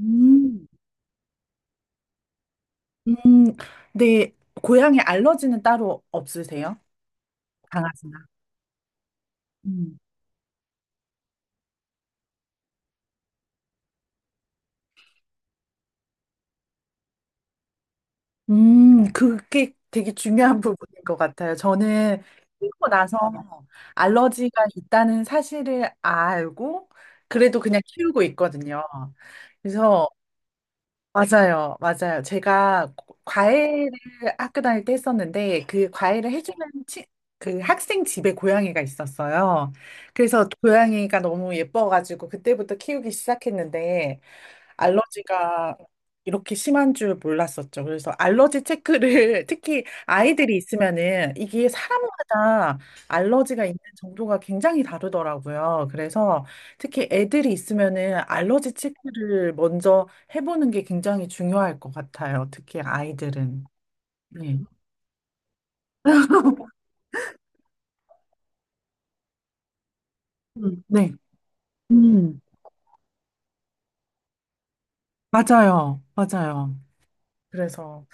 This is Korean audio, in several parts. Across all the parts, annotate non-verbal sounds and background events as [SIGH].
음, 음, 네, 고양이 알러지는 따로 없으세요? 강아지나? 음, 그게 되게 중요한 [LAUGHS] 부분인 것 같아요. 저는 키우고 나서 알러지가 있다는 사실을 알고, 그래도 그냥 키우고 있거든요. 그래서 맞아요, 맞아요. 제가 과외를 학교 다닐 때 했었는데 그 과외를 해주는 치, 그 학생 집에 고양이가 있었어요. 그래서 고양이가 너무 예뻐가지고 그때부터 키우기 시작했는데 알러지가 이렇게 심한 줄 몰랐었죠. 그래서 알러지 체크를 [LAUGHS] 특히 아이들이 있으면은 이게 사람마다 알러지가 있는 정도가 굉장히 다르더라고요. 그래서 특히 애들이 있으면은 알러지 체크를 먼저 해보는 게 굉장히 중요할 것 같아요. 특히 아이들은. 네. 네. 음, 맞아요. 맞아요. 그래서.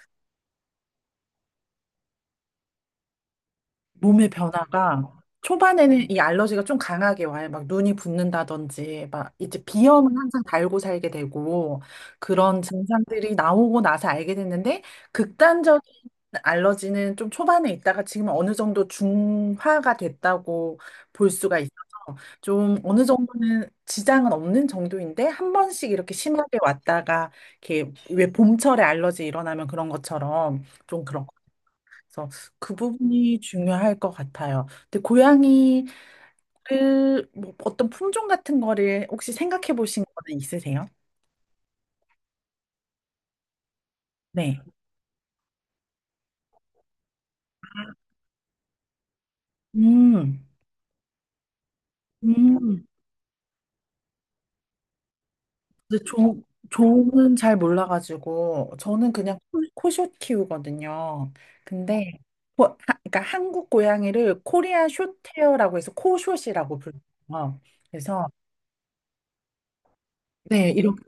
몸의 변화가 초반에는 이 알러지가 좀 강하게 와요. 막 눈이 붓는다든지, 막 이제 비염은 항상 달고 살게 되고 그런 증상들이 나오고 나서 알게 됐는데 극단적인 알러지는 좀 초반에 있다가 지금 어느 정도 중화가 됐다고 볼 수가 있어서 좀 어느 정도는 지장은 없는 정도인데 한 번씩 이렇게 심하게 왔다가 이렇게 왜 봄철에 알러지 일어나면 그런 것처럼 좀 그런 그래서 그 부분이 중요할 것 같아요. 근데 고양이를 뭐 어떤 품종 같은 거를 혹시 생각해 보신 거는 있으세요? 네. 음. 음. 근데 종은 잘 몰라가지고 저는 그냥 코숏 키우거든요. 근데 고- 하- 그러니까 한국 고양이를 코리아 숏헤어라고 해서 코숏이라고 불러요. 그래서 네, 이렇게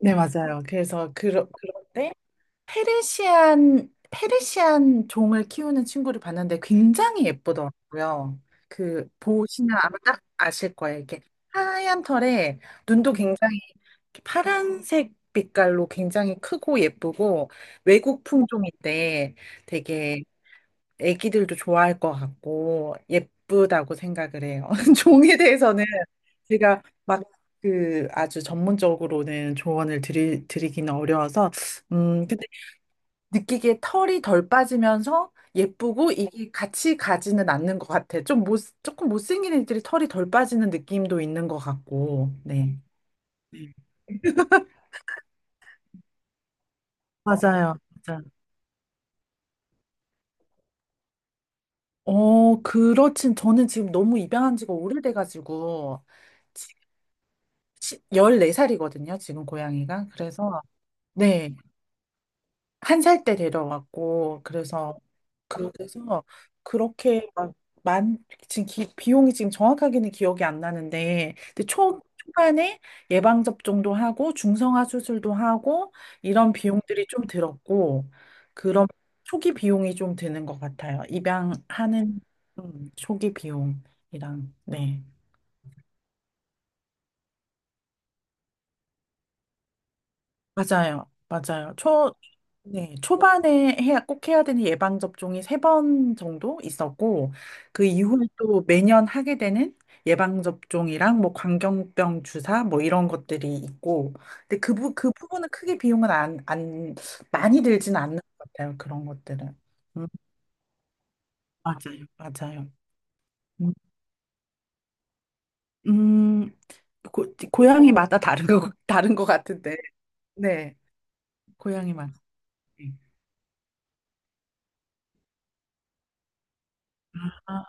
네, 맞아요. 그래서 그런데 페르시안 종을 키우는 친구를 봤는데 굉장히 예쁘더라고요. 그, 보시면 아마 딱 아실 거예요. 이렇게 하얀 털에 눈도 굉장히 이렇게 파란색 빛깔로 굉장히 크고 예쁘고 외국 품종인데 되게 애기들도 좋아할 것 같고 예쁘다고 생각을 해요. [LAUGHS] 종에 대해서는 제가 막 그 아주 전문적으로는 조언을 드리기는 어려워서 근데 느끼기에 털이 덜 빠지면서 예쁘고 이게 같이 가지는 않는 것 같아. 좀 못, 조금 못생긴 애들이 털이 덜 빠지는 느낌도 있는 것 같고, 네. 맞아요. 맞아. 어, 그렇진. 저는 지금 너무 입양한 지가 오래돼가지고, 지- 14살이거든요, 지금 고양이가. 그래서, 네. 한 살 때 데려왔고 그래서 그렇게 막 만 지금 비용이 지금 정확하게는 기억이 안 나는데 근데 초 초반에 예방 접종도 하고 중성화 수술도 하고 이런 비용들이 좀 들었고 그런 초기 비용이 좀 드는 것 같아요 입양하는 초기 비용이랑 네. 맞아요. 맞아요. 네, 초반에 해야, 꼭 해야 되는 예방접종이 세 번 정도 있었고, 그 이후에 또 매년 하게 되는 예방접종이랑 뭐 광견병 주사 뭐 이런 것들이 있고, 근데 그 부분은 크게 비용은 안, 안, 많이 들지는 않는 것 같아요. 그런 것들은. 음, 맞아요. 맞아요. 음, 음, 고, 고양이마다 다른 것 같은데, 네, 고양이마다. 네. 아,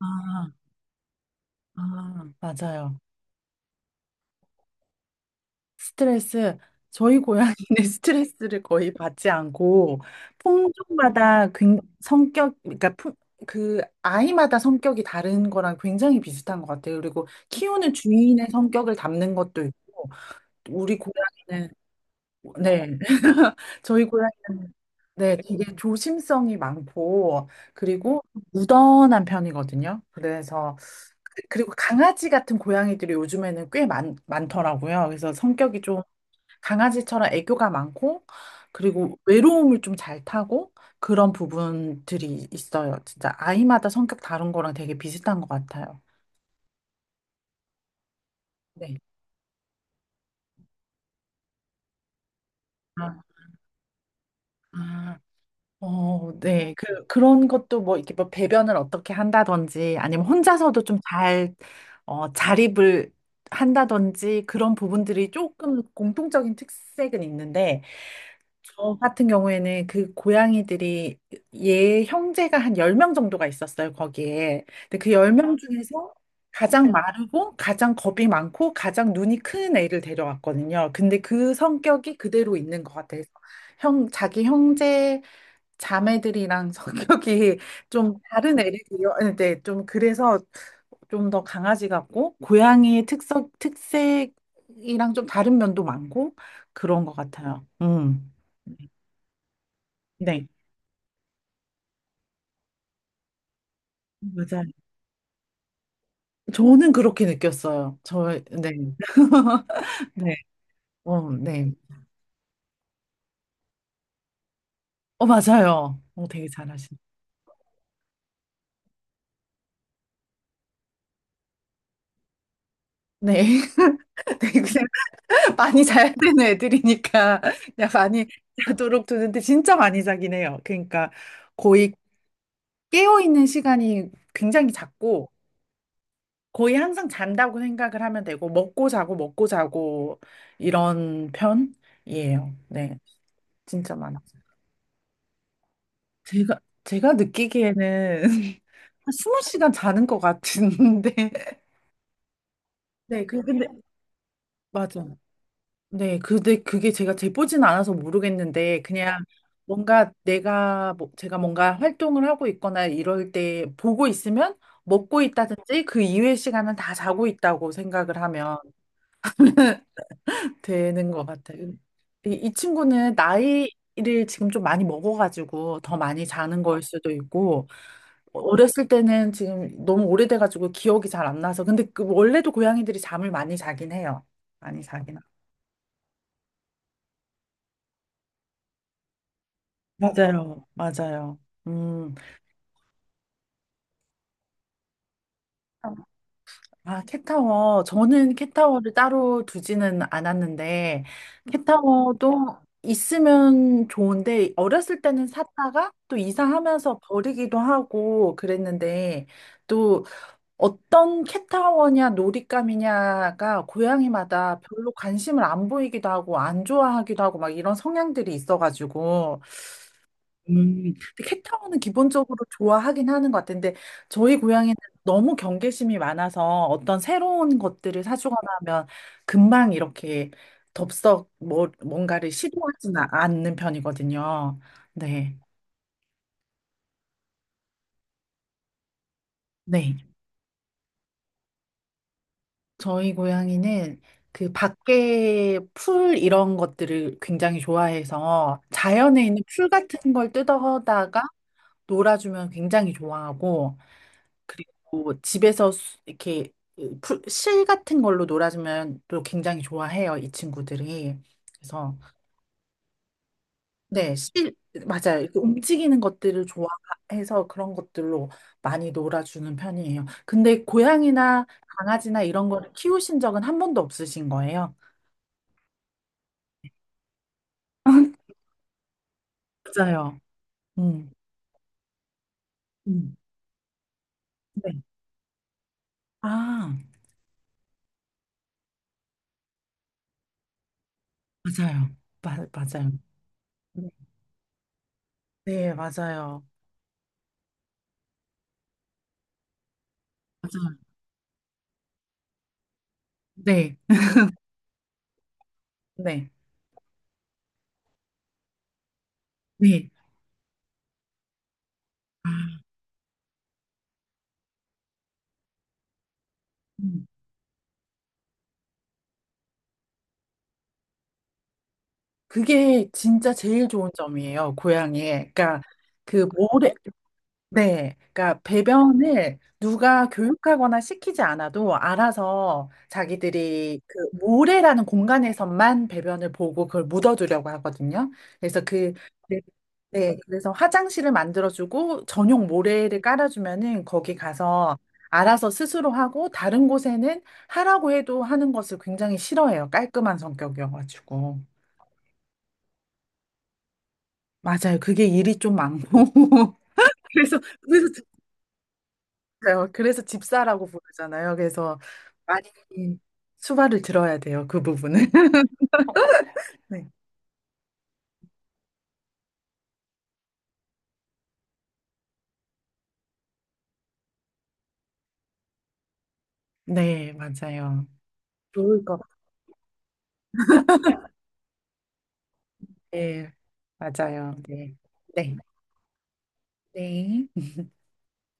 아. 아, 맞아요. 스트레스, 저희 고양이는 [LAUGHS] 스트레스를 거의 받지 않고, 품종마다 성격, 그러니까 그 아이마다 성격이 다른 거랑 굉장히 비슷한 것 같아요. 그리고 키우는 주인의 성격을 담는 것도 있고, 우리 고양이는, 네, [LAUGHS] 저희 고양이는, 네, 되게 조심성이 많고, 그리고 무던한 편이거든요. 그래서 그리고 강아지 같은 고양이들이 요즘에는 꽤 많더라고요. 그래서 성격이 좀 강아지처럼 애교가 많고, 그리고 외로움을 좀 잘 타고 그런 부분들이 있어요. 진짜 아이마다 성격 다른 거랑 되게 비슷한 것 같아요. 네. 아, 아, 어, 네. 그런 것도 뭐 이렇게 뭐 배변을 어떻게 한다든지 아니면 혼자서도 좀 잘, 자립을 한다든지 그런 부분들이 조금 공통적인 특색은 있는데, 저 같은 경우에는 그 고양이들이 얘 형제가 한 10명 정도가 있었어요, 거기에. 근데 그 10명 중에서 가장 네. 마르고 가장 겁이 많고 가장 눈이 큰 애를 데려왔거든요. 근데 그 성격이 그대로 있는 것 같아서 자기 형제 자매들이랑 [LAUGHS] 성격이 좀 다른 애를 데려왔는데 좀 그래서 좀 더 강아지 같고 고양이의 특성, 특색이랑 좀 다른 면도 많고 그런 것 같아요. 음. 네. 맞아요. 저는 그렇게 느꼈어요. 네. [LAUGHS] 네. 어, 네. 어, 맞아요. 어, 되게 잘하시네. 네. [LAUGHS] 네, 그냥 많이 자야 되는 애들이니까 그냥 많이 자도록 두는데 진짜 많이 자긴 해요. 그러니까 거의 깨어있는 시간이 굉장히 작고 거의 항상 잔다고 생각을 하면 되고 먹고 자고 먹고 자고 이런 편이에요. 네. 진짜 많아요. 제가 느끼기에는 [LAUGHS] 한 20시간 자는 것 같은데. [LAUGHS] 네, 근데, 맞아. 네, 근데 그게 제가 재보진 않아서 모르겠는데, 그냥 뭔가 제가 뭔가 활동을 하고 있거나 이럴 때 보고 있으면 먹고 있다든지 그 이외의 시간은 다 자고 있다고 생각을 하면 되는 것 같아요. 이 친구는 나이를 지금 좀 많이 먹어가지고 더 많이 자는 걸 수도 있고, 어렸을 때는 지금 너무 오래돼가지고 기억이 잘 안 나서. 근데 그 원래도 고양이들이 잠을 많이 자긴 해요. 많이 자긴. 맞아요, 맞아요. 음, 아, 캣타워. 저는 캣타워를 따로 두지는 않았는데, 캣타워도 있으면 좋은데, 어렸을 때는 샀다가 또 이사하면서 버리기도 하고 그랬는데, 또 어떤 캣타워냐 놀잇감이냐가 고양이마다 별로 관심을 안 보이기도 하고 안 좋아하기도 하고 막 이런 성향들이 있어가지고 근데 캣타워는 기본적으로 좋아하긴 하는 것 같은데 저희 고양이는 너무 경계심이 많아서 어떤 새로운 것들을 사주거나 하면 금방 이렇게 덥석 뭔가를 시도하지는 않는 편이거든요. 네. 네. 저희 고양이는 그 밖에 풀 이런 것들을 굉장히 좋아해서 자연에 있는 풀 같은 걸 뜯어다가 놀아주면 굉장히 좋아하고 그리고 집에서 이렇게 실 같은 걸로 놀아주면 또 굉장히 좋아해요, 이 친구들이. 그래서 네, 실 맞아요. 이렇게 움직이는 것들을 좋아해서 그런 것들로 많이 놀아주는 편이에요. 근데 고양이나 강아지나 이런 거를 키우신 적은 한 번도 없으신 거예요? 맞아요. 음. 음. 네. 아, 맞아요. 맞아요. 네, 네, 맞아요. 맞아요. 네, 네, 네. 아, 음. 그게 진짜 제일 좋은 점이에요, 고양이에. 그러니까 그 모래, 네. 그러니까 배변을 누가 교육하거나 시키지 않아도 알아서 자기들이 그 모래라는 공간에서만 배변을 보고 그걸 묻어두려고 하거든요. 그래서 네. 네, 그래서 화장실을 만들어주고 전용 모래를 깔아주면은 거기 가서 알아서 스스로 하고 다른 곳에는 하라고 해도 하는 것을 굉장히 싫어해요. 깔끔한 성격이어가지고. 맞아요. 그게 일이 좀 많고. [LAUGHS] 그래서 맞아요. 그래서 집사라고 부르잖아요. 그래서 많이 수발을 들어야 돼요. 그 부분은. [LAUGHS] 네. 네, 맞아요. 좋을 것 같아요. 네, 맞아요. 네. 네. 네.